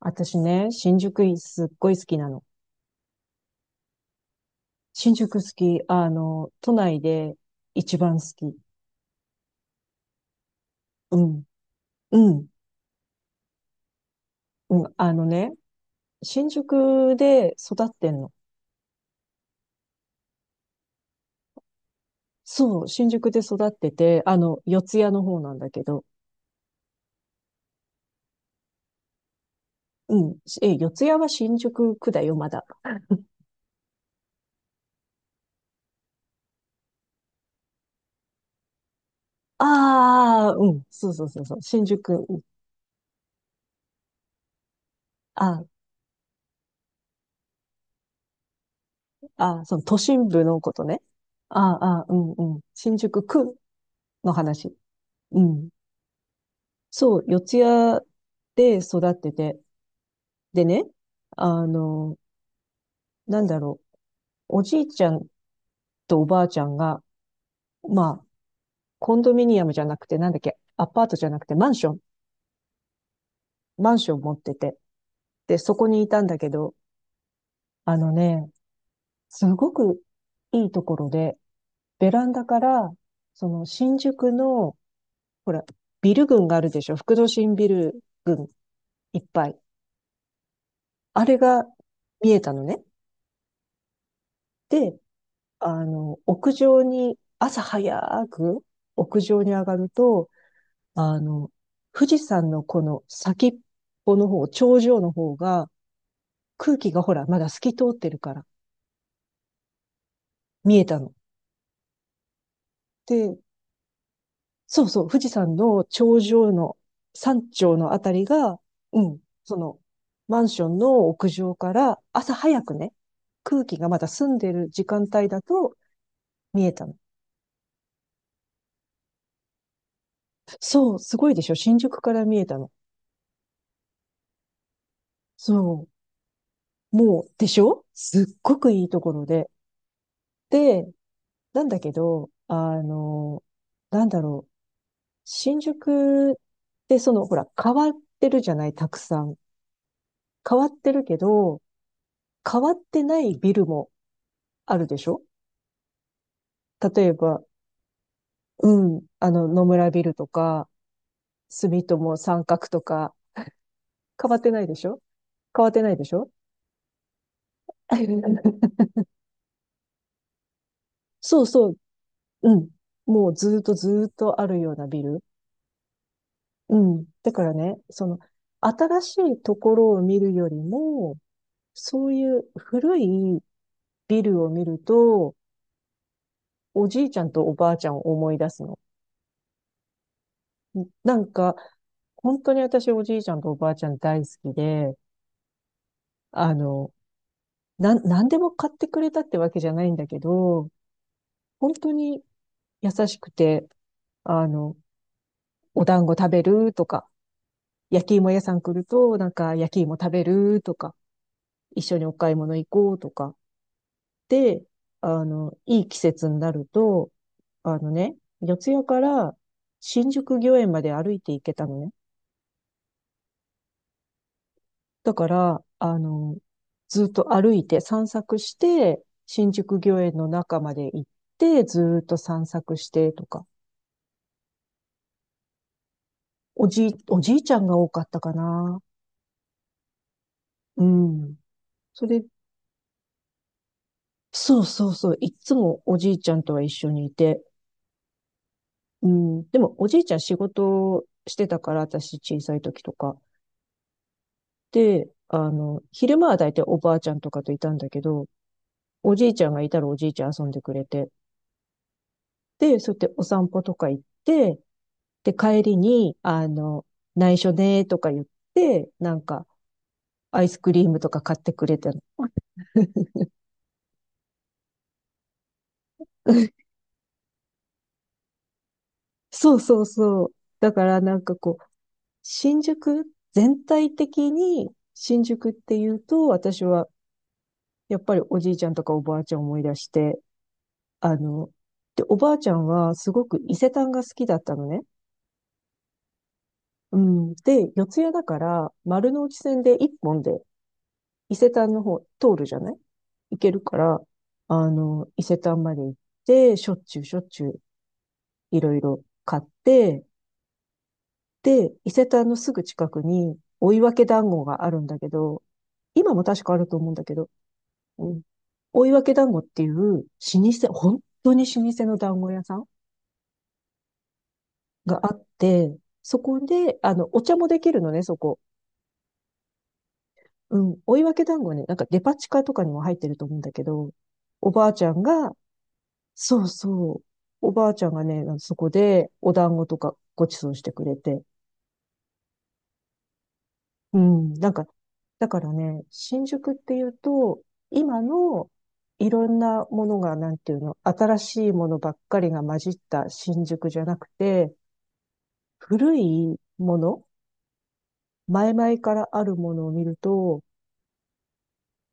私ね、新宿すっごい好きなの。新宿好き、都内で一番好き。うん、うん、うん。あのね、新宿で育ってんの。そう、新宿で育ってて、四ツ谷の方なんだけど。うん。え、四ツ谷は新宿区だよ、まだ。ああ、うん。そうそうそうそう。新宿、うん。ああ、その都心部のことね。ああ、うんうん。新宿区の話。うん。そう、四谷で育ってて。でね、あの、なんだろおじいちゃんとおばあちゃんが、まあ、コンドミニアムじゃなくて、なんだっけ、アパートじゃなくて、マンション持ってて。で、そこにいたんだけど、あのね、すごくいいところで、ベランダから、その新宿の、ほら、ビル群があるでしょ。副都心ビル群いっぱい。あれが見えたのね。で、屋上に、朝早く屋上に上がると、あの、富士山のこの先っぽの方、頂上の方が、空気がほら、まだ透き通ってるから見えたの。で、そうそう、富士山の頂上の山頂のあたりが、うん、マンションの屋上から朝早くね、空気がまだ澄んでる時間帯だと見えたの。そう、すごいでしょ？新宿から見えたの。そう。もう、でしょ？すっごくいいところで。で、なんだけど、なんだろう。新宿ってほら、変わってるじゃない？たくさん。変わってるけど、変わってないビルもあるでしょ？例えば、うん、野村ビルとか、住友三角とか、変わってないでしょ？変わってないでしょ？ そうそう、うん。もうずーっとずーっとあるようなビル。うん。だからね、新しいところを見るよりも、そういう古いビルを見ると、おじいちゃんとおばあちゃんを思い出すの。なんか、本当に私おじいちゃんとおばあちゃん大好きで、あの、何でも買ってくれたってわけじゃないんだけど、本当に優しくて、あの、お団子食べるとか、焼き芋屋さん来ると、なんか焼き芋食べるとか、一緒にお買い物行こうとか、で、いい季節になると、あのね、四谷から新宿御苑まで歩いて行けたのね。だから、ずっと歩いて散策して、新宿御苑の中まで行って、ずっと散策してとか。おじいちゃんが多かったかな。うん。それ、そうそうそう。いっつもおじいちゃんとは一緒にいて。うん。でも、おじいちゃん仕事してたから、私小さい時とか。で、昼間は大体おばあちゃんとかといたんだけど、おじいちゃんがいたらおじいちゃん遊んでくれて、で、そうやってお散歩とか行って、で、帰りに、内緒ねーとか言って、なんか、アイスクリームとか買ってくれたの。そうそうそう。だからなんかこう、新宿、全体的に新宿っていうと、私はやっぱりおじいちゃんとかおばあちゃんを思い出して、あの、で、おばあちゃんはすごく伊勢丹が好きだったのね。うん。で、四谷だから、丸の内線で一本で伊勢丹の方通るじゃない？行けるから、伊勢丹まで行って、しょっちゅうしょっちゅういろいろ買って、で、伊勢丹のすぐ近くに追分団子があるんだけど、今も確かあると思うんだけど、うん、追分団子っていう老舗、本当に老舗の団子屋さんがあって、そこで、お茶もできるのね、そこ。うん、追い分け団子ね、なんかデパ地下とかにも入ってると思うんだけど、おばあちゃんが、そうそう、おばあちゃんがね、そこでお団子とかごちそうしてくれて、うん、なんか、だからね、新宿っていうと、今のいろんなものが、なんていうの、新しいものばっかりが混じった新宿じゃなくて、古いもの、前々からあるものを見ると、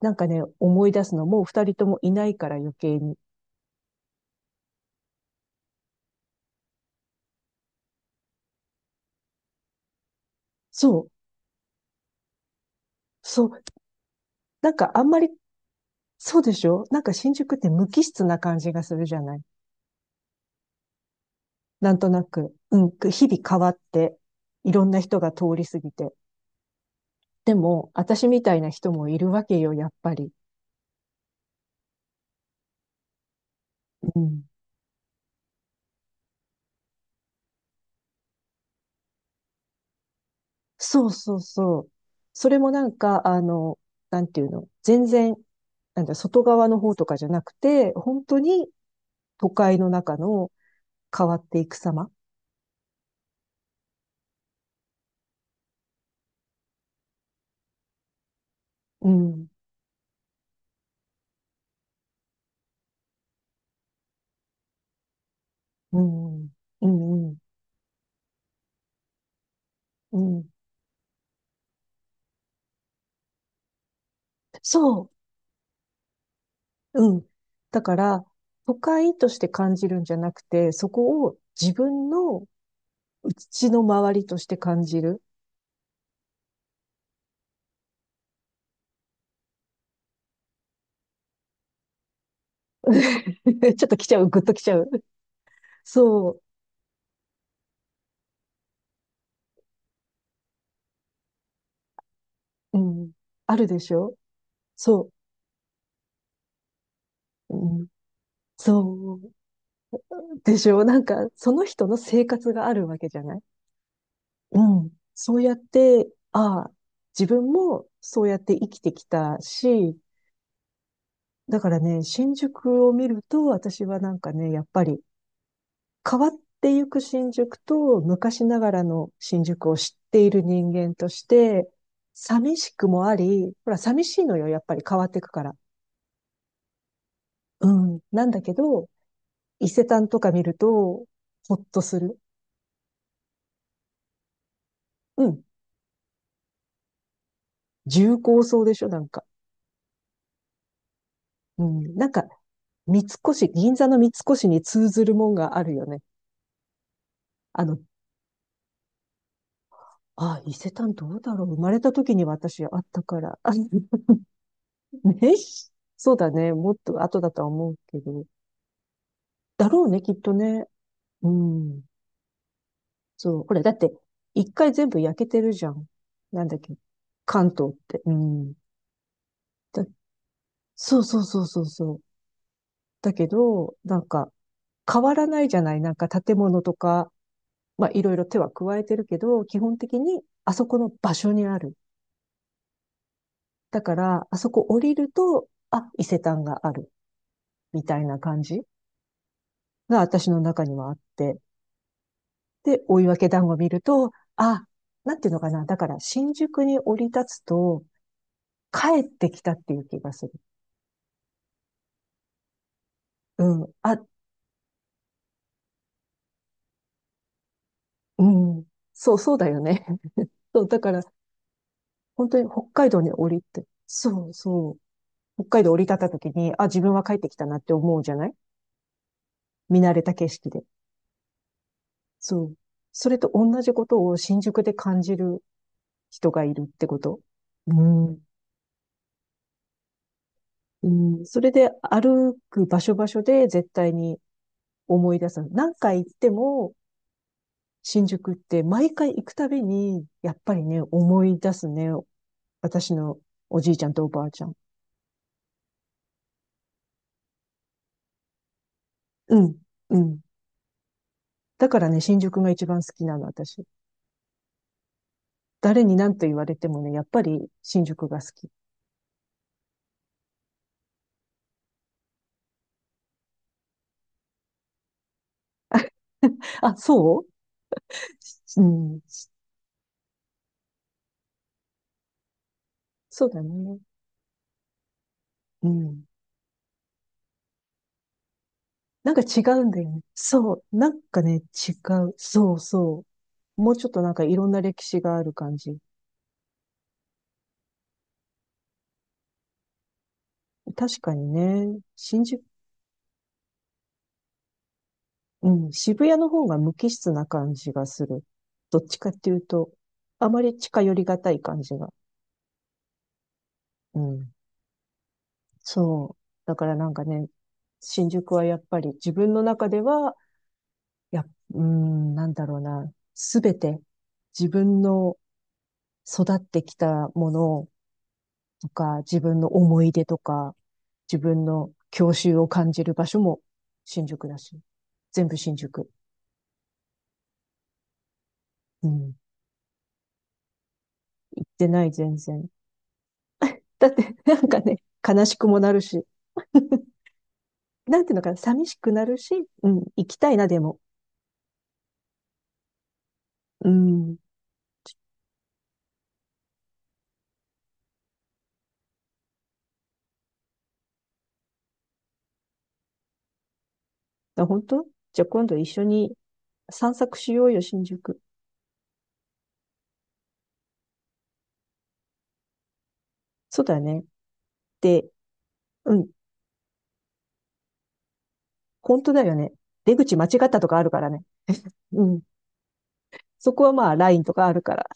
なんかね、思い出すの、もう二人ともいないから余計に。そう、そう、なんかあんまり、そうでしょ？なんか新宿って無機質な感じがするじゃない？なんとなく、うん、日々変わって、いろんな人が通り過ぎて。でも、私みたいな人もいるわけよ、やっぱり。うん。そうそうそう。それもなんか、なんていうの、全然、なんだ、外側の方とかじゃなくて、本当に都会の中の変わっていく様。うん、うん、うん、うん。うん。そう。うん。だから、都会として感じるんじゃなくて、そこを自分のうちの周りとして感じる。ちょっと来ちゃう、ぐっと来ちゃう。そう、うん。あるでしょ？そう、うん。そう。でしょ？なんか、その人の生活があるわけじゃない？うん。そうやって、ああ、自分もそうやって生きてきたし、だからね、新宿を見ると、私はなんかね、やっぱり、変わっていく新宿と昔ながらの新宿を知っている人間として、寂しくもあり、ほら、寂しいのよ、やっぱり変わっていくから。うん。なんだけど、伊勢丹とか見ると、ほっとする。うん。重厚そうでしょ？なんか。うん。なんか、三越、銀座の三越に通ずるもんがあるよね。あの、あ、伊勢丹どうだろう？生まれた時に私あったから。あね、そうだね。もっと後だとは思うけど。だろうね、きっとね。うん。そう。ほら、だって、一回全部焼けてるじゃん。なんだっけ。関東って。うん。だ、そうそうそうそうそう。だけど、なんか、変わらないじゃない？なんか建物とか、まあ、いろいろ手は加えてるけど、基本的にあそこの場所にある。だから、あそこ降りると、あ、伊勢丹がある。みたいな感じが私の中にはあって。で、追分団子見ると、あ、なんていうのかな。だから、新宿に降り立つと、帰ってきたっていう気がする。うん。あ、うん。そう、そうだよね。そう、だから、本当に北海道に降りて、そうそう。北海道降り立った時に、あ、自分は帰ってきたなって思うじゃない？見慣れた景色で。そう。それと同じことを新宿で感じる人がいるってこと。うん。うん。それで歩く場所場所で絶対に思い出す。何回行っても、新宿って毎回行くたびに、やっぱりね、思い出すね。私のおじいちゃんとおばあちゃん。うん、うん。だからね、新宿が一番好きなの、私。誰に何と言われてもね、やっぱり新宿が好き。あ、そう。うん。そうだね。うん。なんか違うんだよね。そう。なんかね、違う。そうそう。もうちょっとなんかいろんな歴史がある感じ。確かにね、新宿、うん、渋谷の方が無機質な感じがする。どっちかっていうと、あまり近寄りがたい感じが。うん。そう。だからなんかね、新宿はやっぱり自分の中では、やっ、うーん、なんだろうな、すべて自分の育ってきたものとか、自分の思い出とか、自分の郷愁を感じる場所も新宿だし、全部新宿。うん。行ってない、全然。だって、なんかね、悲しくもなるし、なんていうのかな、寂しくなるし、うん、行きたいな、でも。うん。本当、じゃあ今度一緒に散策しようよ、新宿。そうだよね。で、うん、本当だよね。出口間違ったとかあるからね。うん。そこはまあ、ラインとかあるから。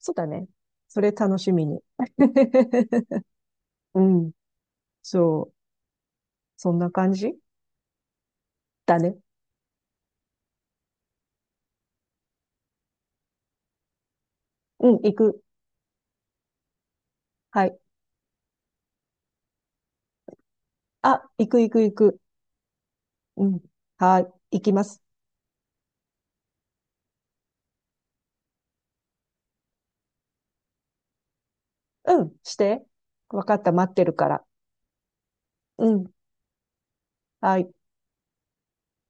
そうだね。それ楽しみに。うん。そう。そんな感じだね。うん、行く。はい。あ、行く行く行く。うん。はい。行きます。うん、して。わかった、待ってるから。うん。はい。